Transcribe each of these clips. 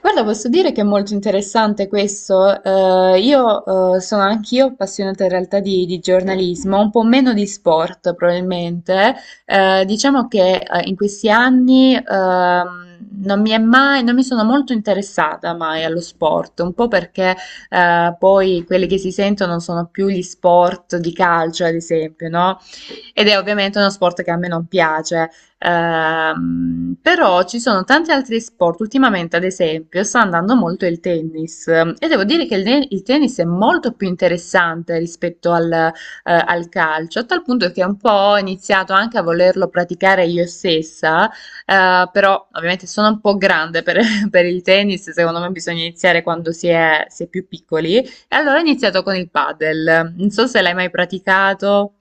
Guarda, posso dire che è molto interessante questo. Io sono anch'io appassionata in realtà di giornalismo, un po' meno di sport probabilmente. Diciamo che in questi anni, non mi sono molto interessata mai allo sport, un po' perché poi quelli che si sentono sono più gli sport di calcio, ad esempio, no? Ed è ovviamente uno sport che a me non piace. Però ci sono tanti altri sport, ultimamente ad esempio sta andando molto il tennis e devo dire che il tennis è molto più interessante rispetto al, al calcio, a tal punto che un po' ho iniziato anche a volerlo praticare io stessa, però ovviamente sono un po' grande per, per il tennis, secondo me bisogna iniziare quando si è più piccoli. E allora ho iniziato con il padel. Non so se l'hai mai praticato.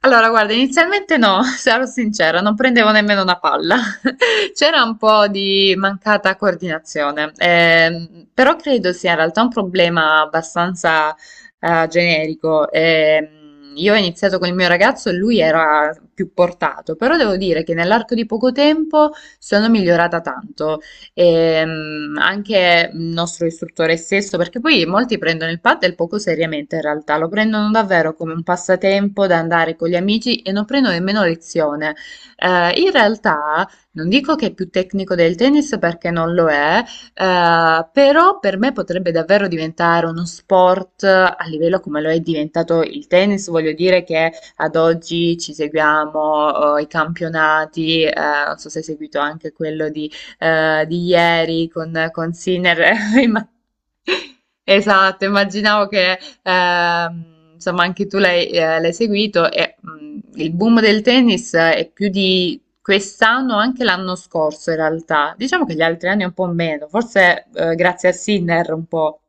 Allora, guarda, inizialmente no, sarò sincera, non prendevo nemmeno una palla. C'era un po' di mancata coordinazione, però credo sia in realtà un problema abbastanza generico. Io ho iniziato con il mio ragazzo e lui era più portato, però devo dire che nell'arco di poco tempo sono migliorata tanto, anche il nostro istruttore stesso, perché poi molti prendono il paddle poco seriamente in realtà, lo prendono davvero come un passatempo da andare con gli amici e non prendono nemmeno lezione. In realtà non dico che è più tecnico del tennis perché non lo è, però per me potrebbe davvero diventare uno sport a livello come lo è diventato il tennis, voglio dire che ad oggi ci seguiamo i campionati, non so se hai seguito anche quello di ieri con Sinner. Imma- Esatto, immaginavo che, insomma anche tu l'hai l'hai seguito e il boom del tennis è più di quest'anno, anche l'anno scorso in realtà. Diciamo che gli altri anni un po' meno, forse grazie a Sinner un po'.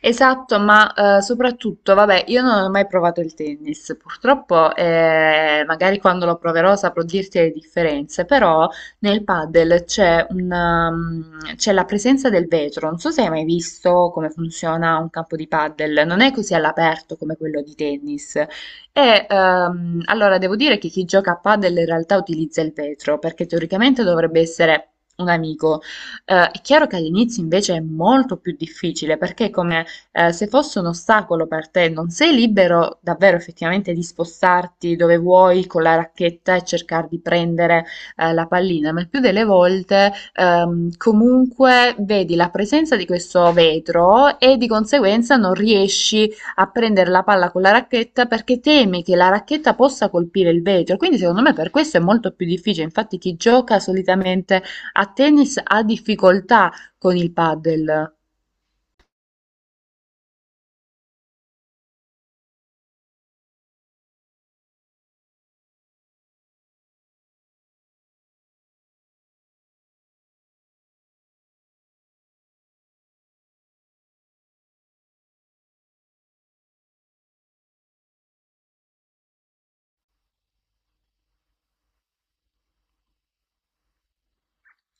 Esatto, ma soprattutto, vabbè, io non ho mai provato il tennis, purtroppo, magari quando lo proverò saprò dirti le differenze, però nel padel c'è la presenza del vetro, non so se hai mai visto come funziona un campo di padel, non è così all'aperto come quello di tennis. E allora devo dire che chi gioca a padel in realtà utilizza il vetro, perché teoricamente dovrebbe essere un amico. È chiaro che all'inizio invece è molto più difficile, perché come se fosse un ostacolo per te, non sei libero davvero effettivamente di spostarti dove vuoi con la racchetta e cercare di prendere la pallina, ma il più delle volte, comunque vedi la presenza di questo vetro e di conseguenza non riesci a prendere la palla con la racchetta perché temi che la racchetta possa colpire il vetro. Quindi secondo me per questo è molto più difficile. Infatti chi gioca solitamente a tennis ha difficoltà con il paddle.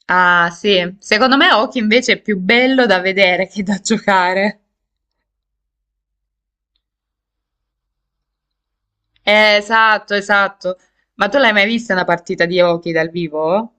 Ah, sì. Secondo me hockey invece è più bello da vedere che da giocare. Esatto, esatto. Ma tu l'hai mai vista una partita di hockey dal vivo?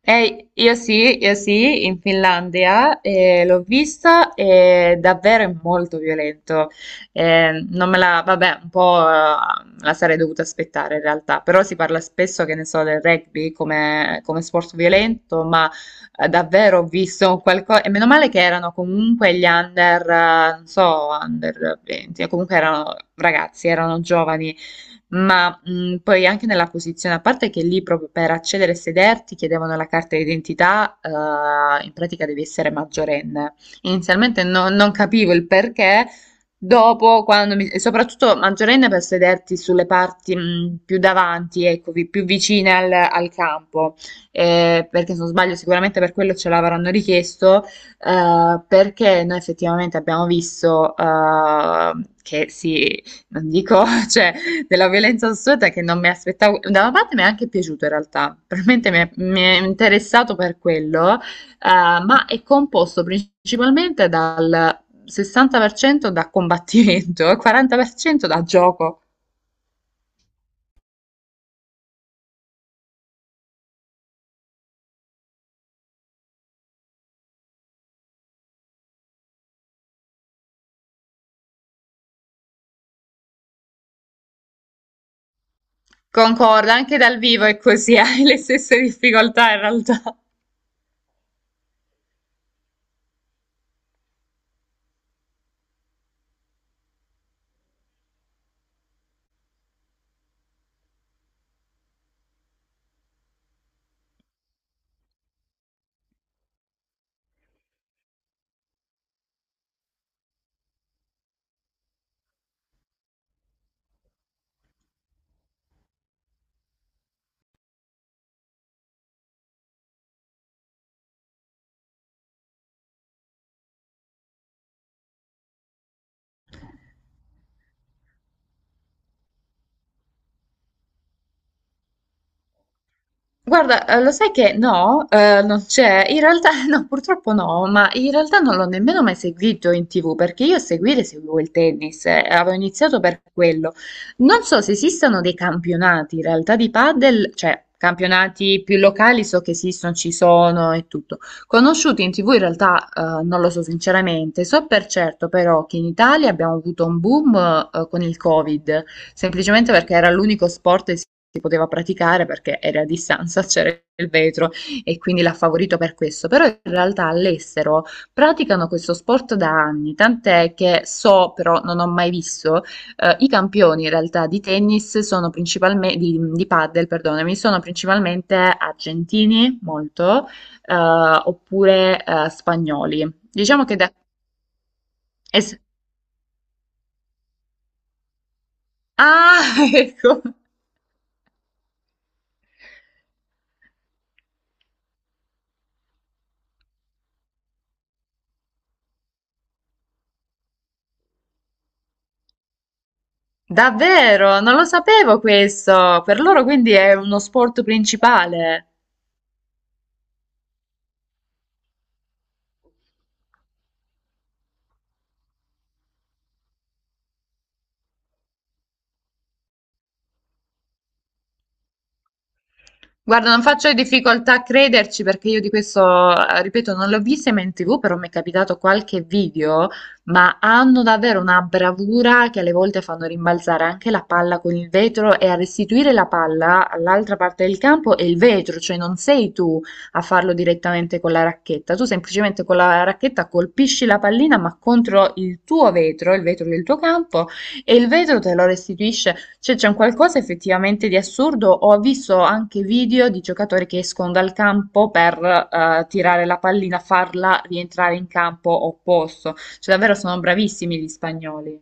Io sì, in Finlandia l'ho vista e davvero è molto violento. Non me la, vabbè, un po' me la sarei dovuta aspettare in realtà, però si parla spesso, che ne so, del rugby come, come sport violento, ma davvero ho visto qualcosa, e meno male che erano comunque gli under, non so, under 20, comunque erano ragazzi, erano giovani ma poi anche nella posizione, a parte che lì proprio per accedere e sederti chiedevano la carta d'identità, in pratica devi essere maggiorenne. Inizialmente non capivo il perché, dopo quando mi, e soprattutto maggiorenne per sederti sulle parti più davanti, ecco, più vicine al campo. Perché se non sbaglio sicuramente per quello ce l'avranno richiesto, perché noi effettivamente abbiamo visto che si, non dico, cioè della violenza assoluta che non mi aspettavo. Da una parte mi è anche piaciuto in realtà, probabilmente mi è interessato per quello, ma è composto principalmente dal 60% da combattimento e 40% da gioco. Concorda, anche dal vivo è così, hai le stesse difficoltà in realtà. Guarda, lo sai che no, non c'è, in realtà no, purtroppo no, ma in realtà non l'ho nemmeno mai seguito in TV perché io a seguire seguivo il tennis, avevo iniziato per quello. Non so se esistano dei campionati in realtà di padel, cioè campionati più locali, so che esistono, ci sono e tutto. Conosciuti in TV in realtà, non lo so sinceramente, so per certo però che in Italia abbiamo avuto un boom con il Covid, semplicemente perché era l'unico sport che si poteva praticare perché era a distanza, c'era il vetro e quindi l'ha favorito per questo. Però in realtà all'estero praticano questo sport da anni, tant'è che so, però non ho mai visto, i campioni in realtà di tennis sono principalmente, di padel, perdonami, sono principalmente argentini, molto, oppure spagnoli. Diciamo che da... es- Ah, ecco. Davvero, non lo sapevo questo. Per loro quindi è uno sport principale. Guarda, non faccio difficoltà a crederci perché io di questo, ripeto, non l'ho vista mai in TV, però mi è capitato qualche video, ma hanno davvero una bravura che alle volte fanno rimbalzare anche la palla con il vetro e a restituire la palla all'altra parte del campo è il vetro, cioè non sei tu a farlo direttamente con la racchetta, tu semplicemente con la racchetta colpisci la pallina ma contro il tuo vetro, il vetro del tuo campo, e il vetro te lo restituisce, cioè c'è un qualcosa effettivamente di assurdo. Ho visto anche video di giocatori che escono dal campo per tirare la pallina, farla rientrare in campo opposto. Cioè davvero sono bravissimi gli spagnoli.